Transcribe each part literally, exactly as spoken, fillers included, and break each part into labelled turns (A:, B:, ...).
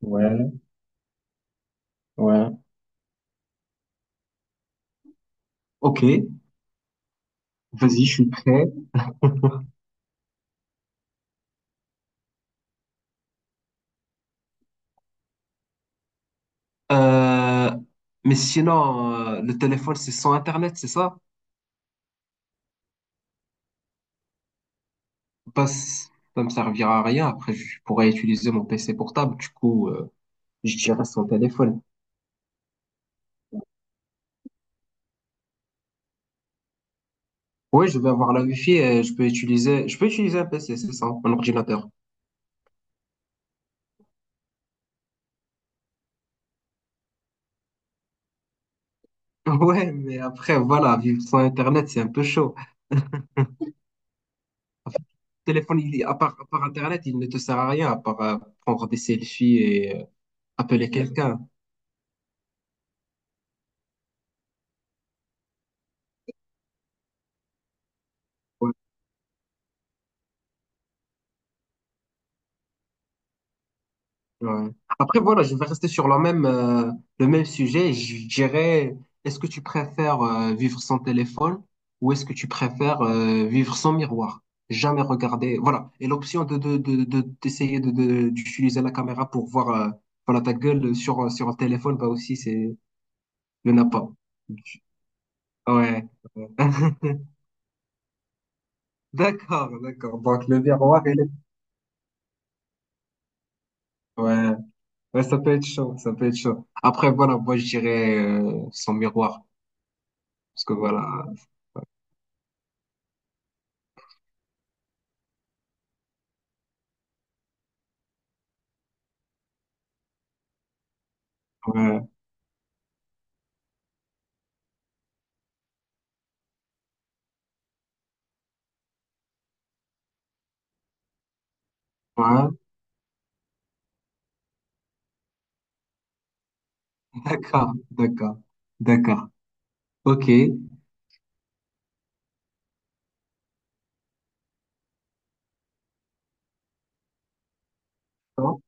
A: Ouais, ouais. Ok, vas-y, je suis prêt. Euh, mais sinon, euh, le téléphone, c'est sans Internet, c'est ça? Bah, c- ça me servira à rien. Après, je pourrais utiliser mon P C portable. Du coup, euh, je dirais sans téléphone. Oui, je vais avoir la Wi-Fi et je peux utiliser, je peux utiliser un P C, c'est ça, un ordinateur. Ouais, mais après, voilà, vivre sans Internet, c'est un peu chaud. Après, le téléphone, il, est- à part, à part Internet, il ne te sert à rien, à part euh, prendre des selfies et euh, appeler quelqu'un. Ouais. Ouais. Après, voilà, je vais rester sur la même, euh, le même sujet. Je dirais, est-ce que tu préfères euh, vivre sans téléphone ou est-ce que tu préfères euh, vivre sans miroir? Jamais regarder. Voilà. Et l'option de, de, de, de- d'essayer de, de- d'utiliser la caméra pour voir euh, voilà, ta gueule sur, euh, sur un téléphone, bah aussi, c'est, il n'y en a pas. Ouais. D'accord, d'accord. Donc, le miroir, il est... Ouais. Ouais, ça peut être chaud, ça peut être chaud. Après, voilà, moi, je dirais euh, sans miroir. Parce que voilà, ouais, ouais, d'accord, d'accord, d'accord. Ok, bon,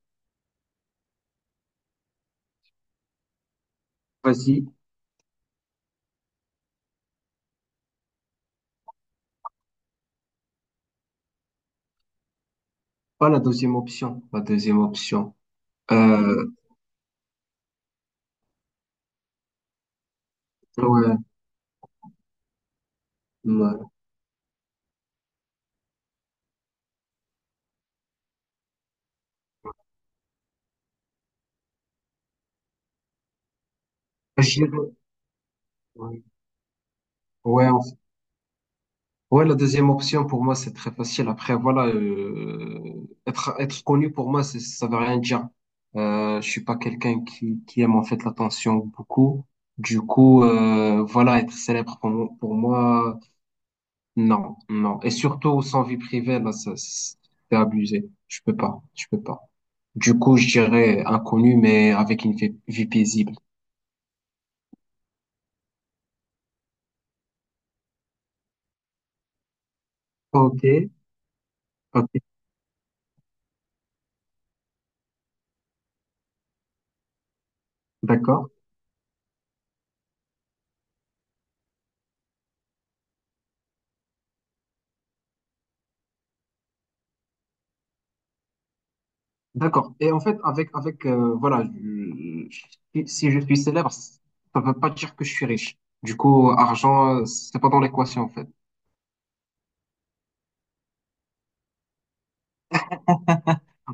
A: vas-y. Pas la deuxième option, la deuxième option. Euh, ouais, ouais. Je dirais- ouais, ouais, en fait- ouais, la deuxième option pour moi c'est très facile. Après, voilà, euh, être, être connu pour moi, c'est- ça veut rien dire. Euh, je suis pas quelqu'un qui, qui aime en fait l'attention beaucoup. Du coup, euh, voilà, être célèbre pour moi, pour moi. Non, non. Et surtout, sans vie privée, là, ça, c'est abusé. Je peux pas, je peux pas. Du coup, je dirais inconnu, mais avec une vie, vie paisible. Ok, ok, d'accord, d'accord. Et en fait, avec, avec, euh, voilà, je- si si je suis célèbre, ça veut pas dire que je suis riche. Du coup, argent, euh, c'est pas dans l'équation, en fait.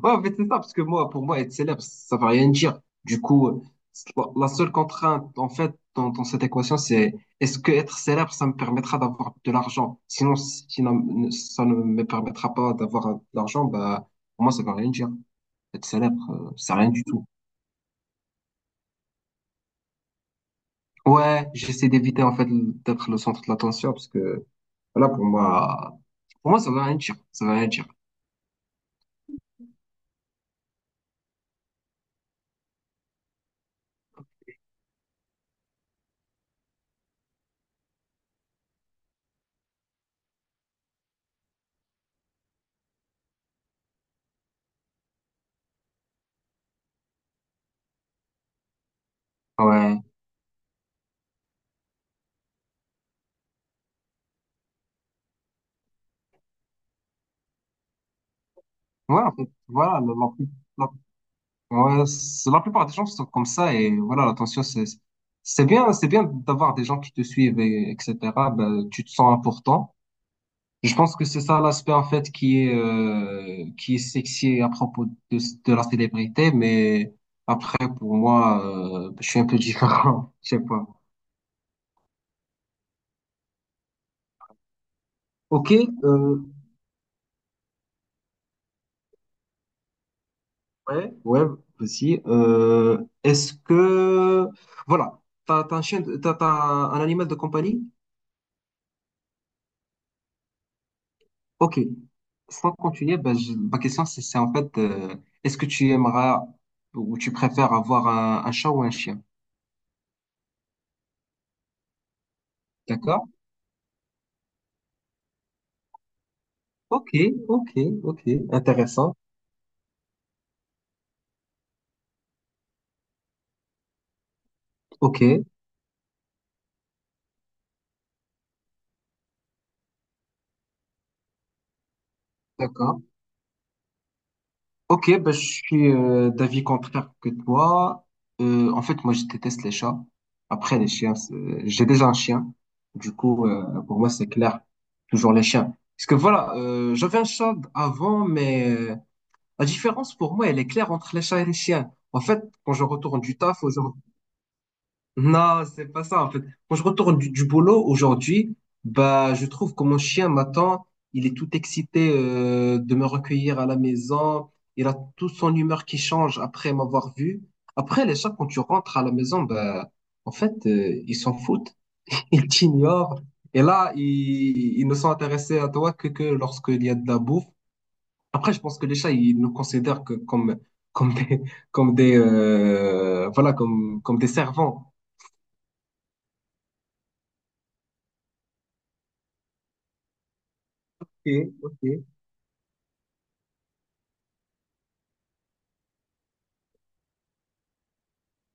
A: Ouais, en fait, c'est ça, parce que moi, pour moi, être célèbre, ça veut rien dire. Du coup, c'est- la seule contrainte, en fait, dans, dans cette équation, c'est est-ce que être célèbre, ça me permettra d'avoir de l'argent? Sinon, sinon ça ne me permettra pas d'avoir de l'argent, bah, pour moi, ça veut rien dire. Être célèbre, euh, c'est rien du tout. Ouais, j'essaie d'éviter, en fait, d'être le centre de l'attention, parce que, voilà, pour moi, pour moi, ça veut rien dire. Ça veut rien dire. Ouais. Ouais, en fait, voilà, la, la, ouais, c'est- la plupart des gens sont comme ça et voilà, l'attention, c'est, c'est bien, c'est bien d'avoir des gens qui te suivent et etc. Ben, tu te sens important. Je pense que c'est ça l'aspect en fait qui est euh, qui est sexy à propos de, de la célébrité, mais après pour moi, euh, je suis un peu différent, je sais pas. Ok, euh, ouais, ouais, aussi. Euh, est-ce que voilà, t'as, t'as un chien, de- t'as, t'as un animal de compagnie? Ok, sans continuer, ben, je- ma question c'est c'est en fait, euh, est-ce que tu aimeras ou tu préfères avoir un, un chat ou un chien? D'accord? Ok, ok, ok, intéressant. Ok, d'accord. Ok, ben, je suis euh, d'avis contraire que toi. Euh, en fait, moi je déteste les chats. Après les chiens, c'est- j'ai déjà un chien. Du coup, euh, pour moi c'est clair, toujours les chiens. Parce que voilà, euh, j'avais un chat avant. mais euh, La différence pour moi, elle est claire entre les chats et les chiens. En fait, quand je retourne du taf aujourd'hui, non, c'est pas ça. En fait, quand je retourne du, du boulot aujourd'hui, bah, je trouve que mon chien m'attend. Il est tout excité euh, de me recueillir à la maison. Il a toute son humeur qui change après m'avoir vu. Après, les chats, quand tu rentres à la maison, bah, en fait, euh, ils s'en foutent. Ils t'ignorent. Et là, ils, ils ne sont intéressés à toi que, que lorsqu'il y a de la bouffe après, je pense que les chats, ils nous considèrent que comme, comme des, comme des, euh, voilà, comme, comme des servants. Ok, ok,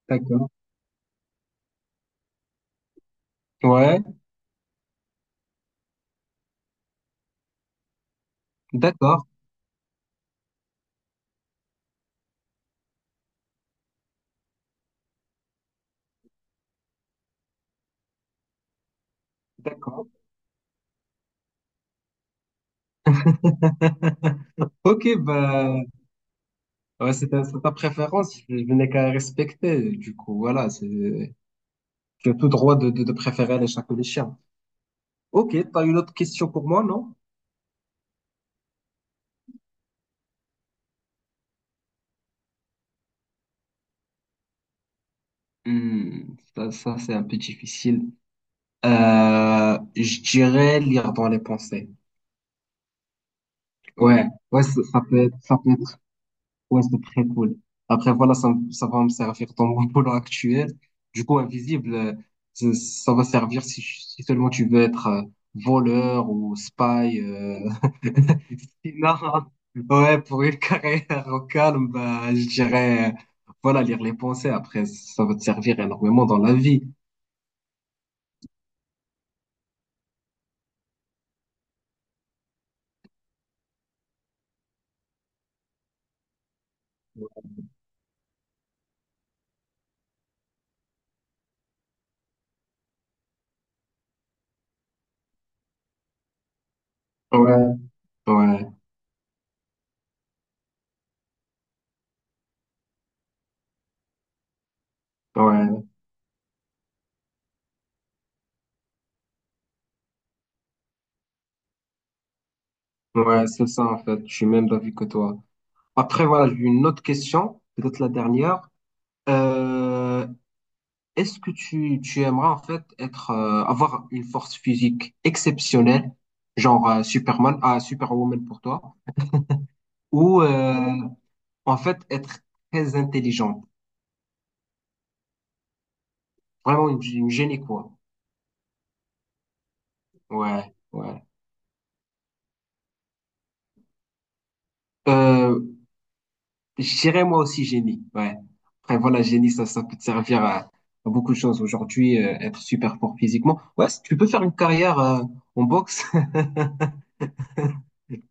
A: d'accord. Ouais, d'accord, d'accord. Ok, bah, ouais, c'est ta, c'est ta préférence, je je n'ai qu'à respecter. Du coup, voilà, c'est, tu as tout droit de, de, de préférer les chats que les chiens. Ok, t'as une autre question pour moi, non? Hmm, ça, ça c'est un peu difficile. Euh, je dirais lire dans les pensées. Ouais, ouais, ça ça peut être, ça peut être, ouais, c'est très cool. Après, voilà, ça, me- ça va me servir dans mon boulot actuel. Du coup, invisible, euh, ça, ça va servir si, si seulement tu veux être euh, voleur ou spy. euh. Sinon, ouais, pour une carrière au calme, bah, je dirais, euh, voilà, lire les pensées. Après, ça va te servir énormément dans la vie. Ouais, ouais, ouais, ouais, c'est ça en fait, je suis même d'avis que toi. Après, voilà, j'ai une autre question, peut-être la dernière. Euh, Est-ce que tu, tu aimerais en fait être, euh, avoir une force physique exceptionnelle, genre euh, Superman, ah, Superwoman pour toi, ou euh, en fait être très intelligente? Vraiment une, une génie, quoi. Ouais, ouais. Euh, je dirais moi aussi génie, ouais. Après, voilà, génie, ça, ça peut te servir à, à beaucoup de choses. Aujourd'hui, euh, être super fort physiquement. Ouais, c- tu peux faire une carrière euh, en boxe,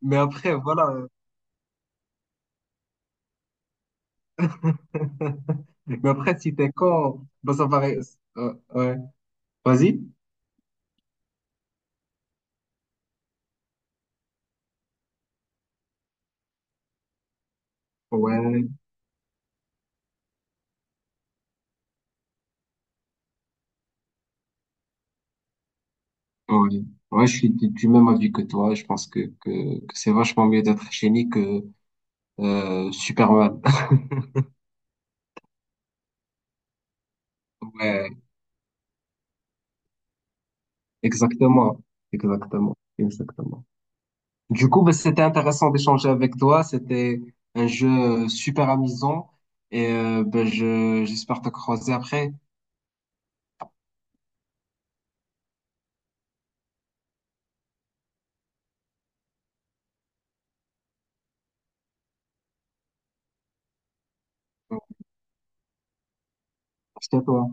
A: mais après, voilà. euh, Mais après, si t'es con, bah, ça va, ré- euh, ouais. Vas-y. Ouais, ouais. Ouais, je suis du du même avis que toi. Je pense que, que, que c'est vachement mieux d'être génie que euh, Superman. Ouais. Exactement, exactement, exactement. Du coup, bah, c'était intéressant d'échanger avec toi. C'était un jeu super amusant et euh, bah, je, j'espère te croiser après. Merci à toi.